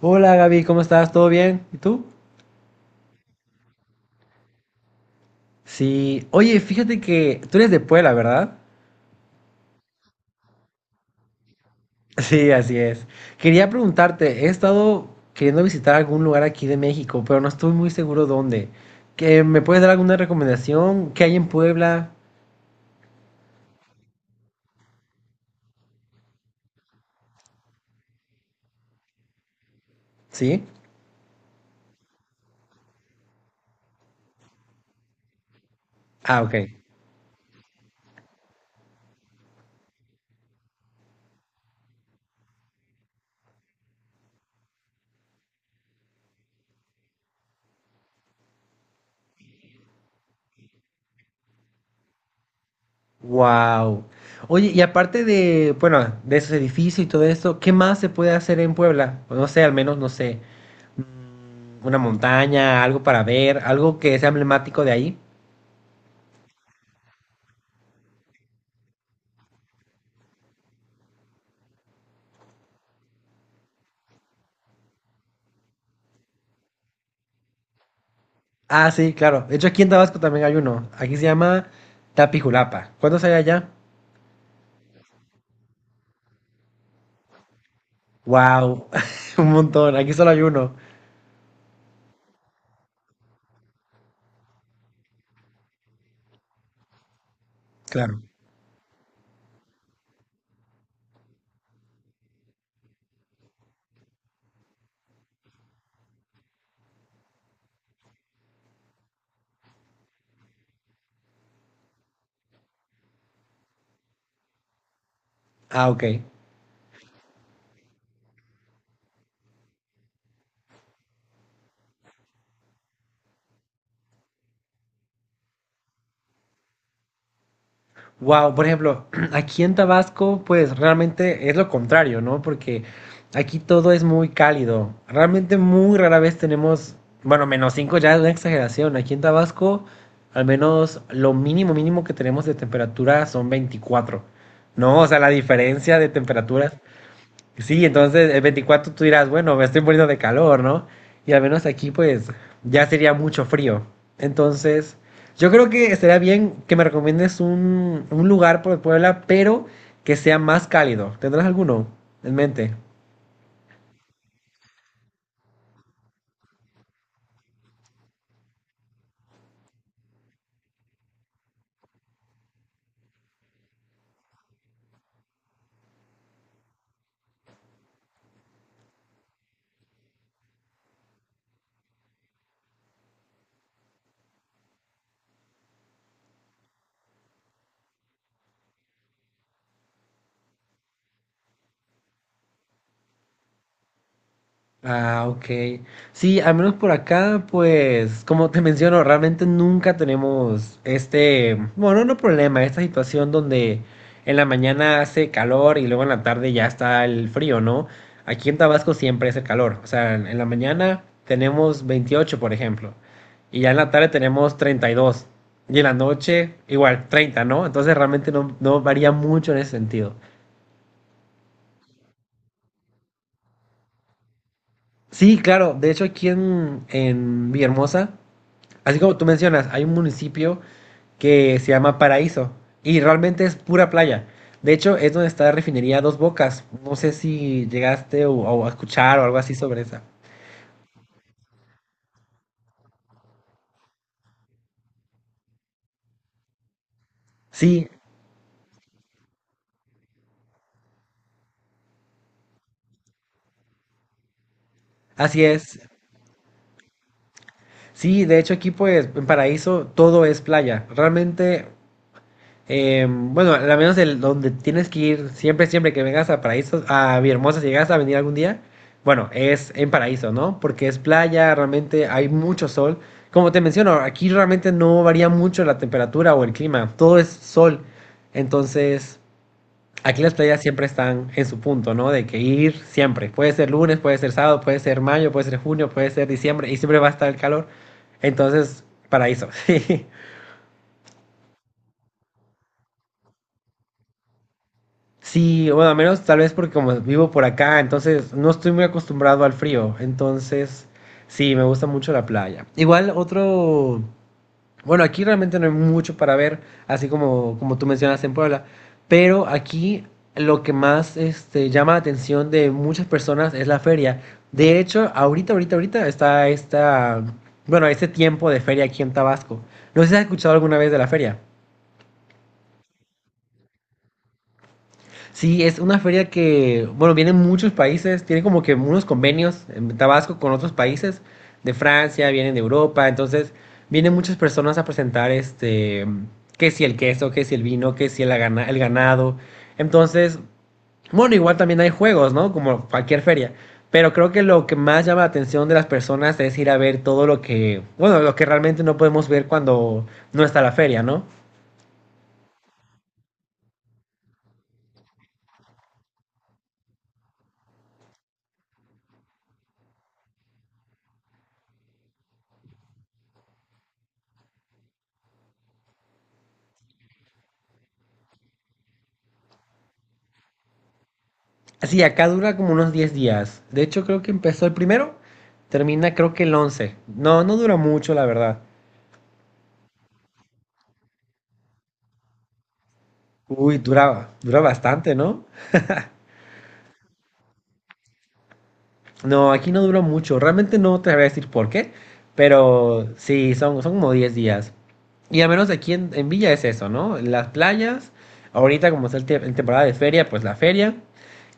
Hola Gaby, ¿cómo estás? ¿Todo bien? ¿Y tú? Sí, oye, fíjate que tú eres de Puebla, ¿verdad? Sí, así es. Quería preguntarte, he estado queriendo visitar algún lugar aquí de México, pero no estoy muy seguro dónde. ¿Que me puedes dar alguna recomendación? ¿Qué hay en Puebla? ¿Sí? Ah, ok. Wow. Oye, y aparte de, bueno, de esos edificios y todo esto, ¿qué más se puede hacer en Puebla? O no sé, al menos, no sé, una montaña, algo para ver, algo que sea emblemático de ahí. Ah, sí, claro. De hecho, aquí en Tabasco también hay uno. Aquí se llama Tapijulapa. ¿Cuántos hay allá? Wow, un montón. Aquí solo hay uno. Claro. Ah, ok. Wow, por ejemplo, aquí en Tabasco, pues realmente es lo contrario, ¿no? Porque aquí todo es muy cálido. Realmente muy rara vez tenemos, bueno, menos 5 ya es una exageración. Aquí en Tabasco, al menos lo mínimo que tenemos de temperatura son 24. No, o sea, la diferencia de temperaturas. Sí, entonces el 24 tú dirás, bueno, me estoy muriendo de calor, ¿no? Y al menos aquí pues ya sería mucho frío. Entonces, yo creo que estaría bien que me recomiendes un lugar por Puebla, pero que sea más cálido. ¿Tendrás alguno en mente? Ah, ok. Sí, al menos por acá, pues, como te menciono, realmente nunca tenemos este, bueno, no problema, esta situación donde en la mañana hace calor y luego en la tarde ya está el frío, ¿no? Aquí en Tabasco siempre es el calor, o sea, en la mañana tenemos 28, por ejemplo, y ya en la tarde tenemos 32 y en la noche igual 30, ¿no? Entonces realmente no varía mucho en ese sentido. Sí, claro, de hecho aquí en Villahermosa, así como tú mencionas, hay un municipio que se llama Paraíso y realmente es pura playa. De hecho, es donde está la refinería Dos Bocas. No sé si llegaste o a escuchar o algo así sobre esa. Sí, así es. Sí, de hecho aquí pues en Paraíso todo es playa. Realmente, eh, bueno, al menos el donde tienes que ir siempre, siempre que vengas a Paraíso, a Villahermosa, si llegas a venir algún día, bueno, es en Paraíso, ¿no? Porque es playa, realmente hay mucho sol. Como te menciono, aquí realmente no varía mucho la temperatura o el clima, todo es sol. Entonces, aquí las playas siempre están en su punto, ¿no? De que ir siempre. Puede ser lunes, puede ser sábado, puede ser mayo, puede ser junio, puede ser diciembre y siempre va a estar el calor. Entonces, Paraíso. Sí, bueno, al menos tal vez porque como vivo por acá, entonces no estoy muy acostumbrado al frío. Entonces, sí, me gusta mucho la playa. Igual otro, bueno, aquí realmente no hay mucho para ver, así como, como tú mencionas en Puebla, pero aquí lo que más este, llama la atención de muchas personas es la feria. De hecho, ahorita está esta, bueno, este tiempo de feria aquí en Tabasco. No sé si has escuchado alguna vez de la feria. Sí, es una feria que, bueno, vienen muchos países, tiene como que unos convenios en Tabasco con otros países de Francia, vienen de Europa, entonces vienen muchas personas a presentar este, que si el queso, que si el vino, que si el ganado. Entonces, bueno, igual también hay juegos, ¿no? Como cualquier feria, pero creo que lo que más llama la atención de las personas es ir a ver todo lo que, bueno, lo que realmente no podemos ver cuando no está la feria, ¿no? Sí, acá dura como unos 10 días. De hecho, creo que empezó el primero, termina creo que el 11. No, no dura mucho, la verdad. Uy, dura bastante, ¿no? No, aquí no duró mucho. Realmente no te voy a decir por qué, pero sí, son como 10 días. Y al menos aquí en Villa es eso, ¿no? Las playas, ahorita como está en temporada de feria, pues la feria.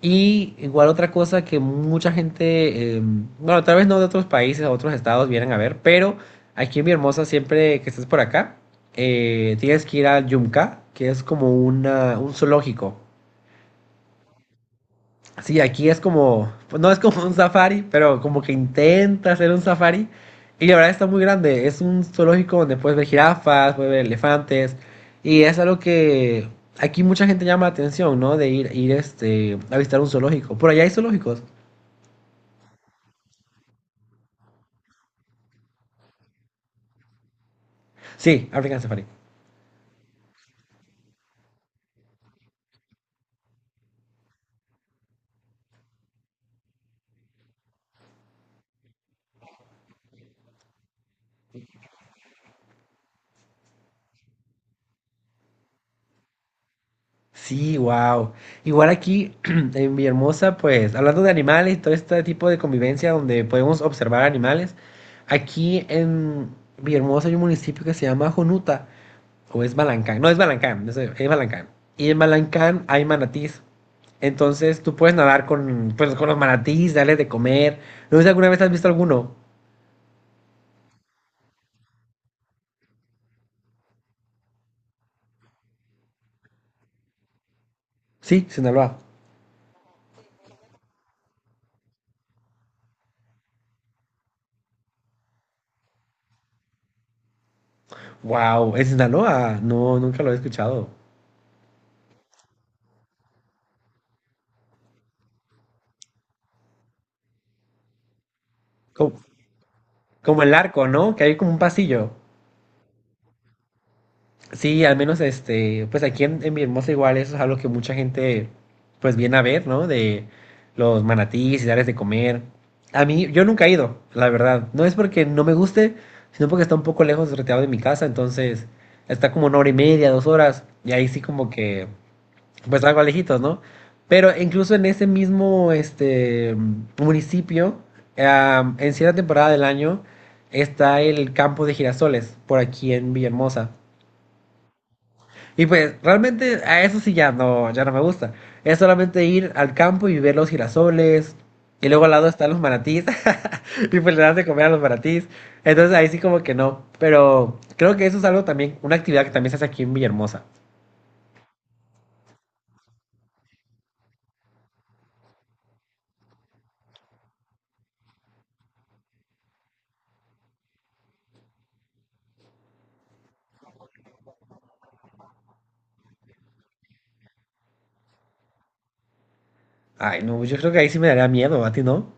Y igual otra cosa que mucha gente, bueno, tal vez no de otros países, o otros estados vienen a ver, pero aquí en Mi Hermosa, siempre que estés por acá, tienes que ir al Yumka, que es como un zoológico. Sí, aquí es como, pues no es como un safari, pero como que intenta hacer un safari. Y la verdad está muy grande. Es un zoológico donde puedes ver jirafas, puedes ver elefantes. Y es algo que aquí mucha gente llama la atención, ¿no? De ir este, a visitar un zoológico. Por allá hay zoológicos. Sí, African Safari. Sí, wow. Igual aquí en Villahermosa, pues hablando de animales y todo este tipo de convivencia donde podemos observar animales, aquí en Villahermosa hay un municipio que se llama Jonuta. O es Malancán. No, es Malancán. Y en Malancán hay manatís. Entonces tú puedes nadar con, pues, con los manatís, darles de comer. No sé si alguna vez has visto alguno. Sí, Sinaloa. Wow, ¿es Sinaloa? No, nunca lo he escuchado. Como, como el arco, ¿no? Que hay como un pasillo. Sí, al menos este, pues aquí en mi hermosa igual eso es algo que mucha gente pues viene a ver, ¿no? De los manatíes y darles de comer. A mí, yo nunca he ido, la verdad. No es porque no me guste, sino porque está un poco lejos, retirado de mi casa, entonces está como una hora y media, 2 horas, y ahí sí como que pues algo lejitos, ¿no? Pero incluso en ese mismo este municipio, am, en cierta temporada del año, está el campo de girasoles, por aquí en Villahermosa. Y pues realmente a eso sí ya no me gusta. Es solamente ir al campo y ver los girasoles. Y luego al lado están los manatís. Y pues le das de comer a los manatís. Entonces ahí sí como que no. Pero creo que eso es algo también, una actividad que también se hace aquí en Villahermosa. Ay, no, yo creo que ahí sí me daría miedo, a ti no.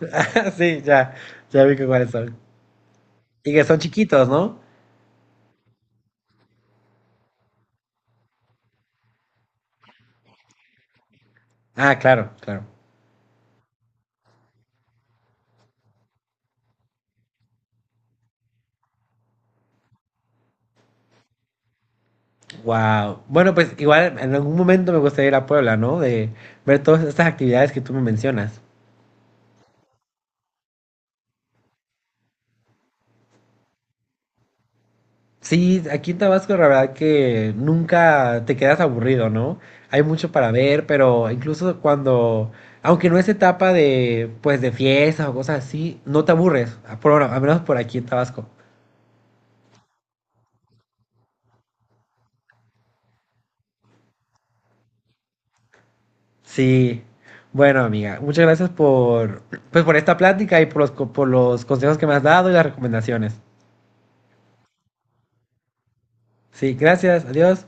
Sí, ya, ya vi que cuáles son. Y que son chiquitos, ¿no? Ah, claro, claro. Wow. Bueno, pues igual en algún momento me gustaría ir a Puebla, ¿no? De ver todas estas actividades que tú me mencionas. Sí, aquí en Tabasco la verdad que nunca te quedas aburrido, ¿no? Hay mucho para ver, pero incluso cuando, aunque no es etapa de, pues, de fiestas o cosas así, no te aburres, ahora, al menos por aquí en Tabasco. Sí. Bueno, amiga, muchas gracias por, pues, por esta plática y por los, por los consejos que me has dado y las recomendaciones. Sí, gracias, adiós.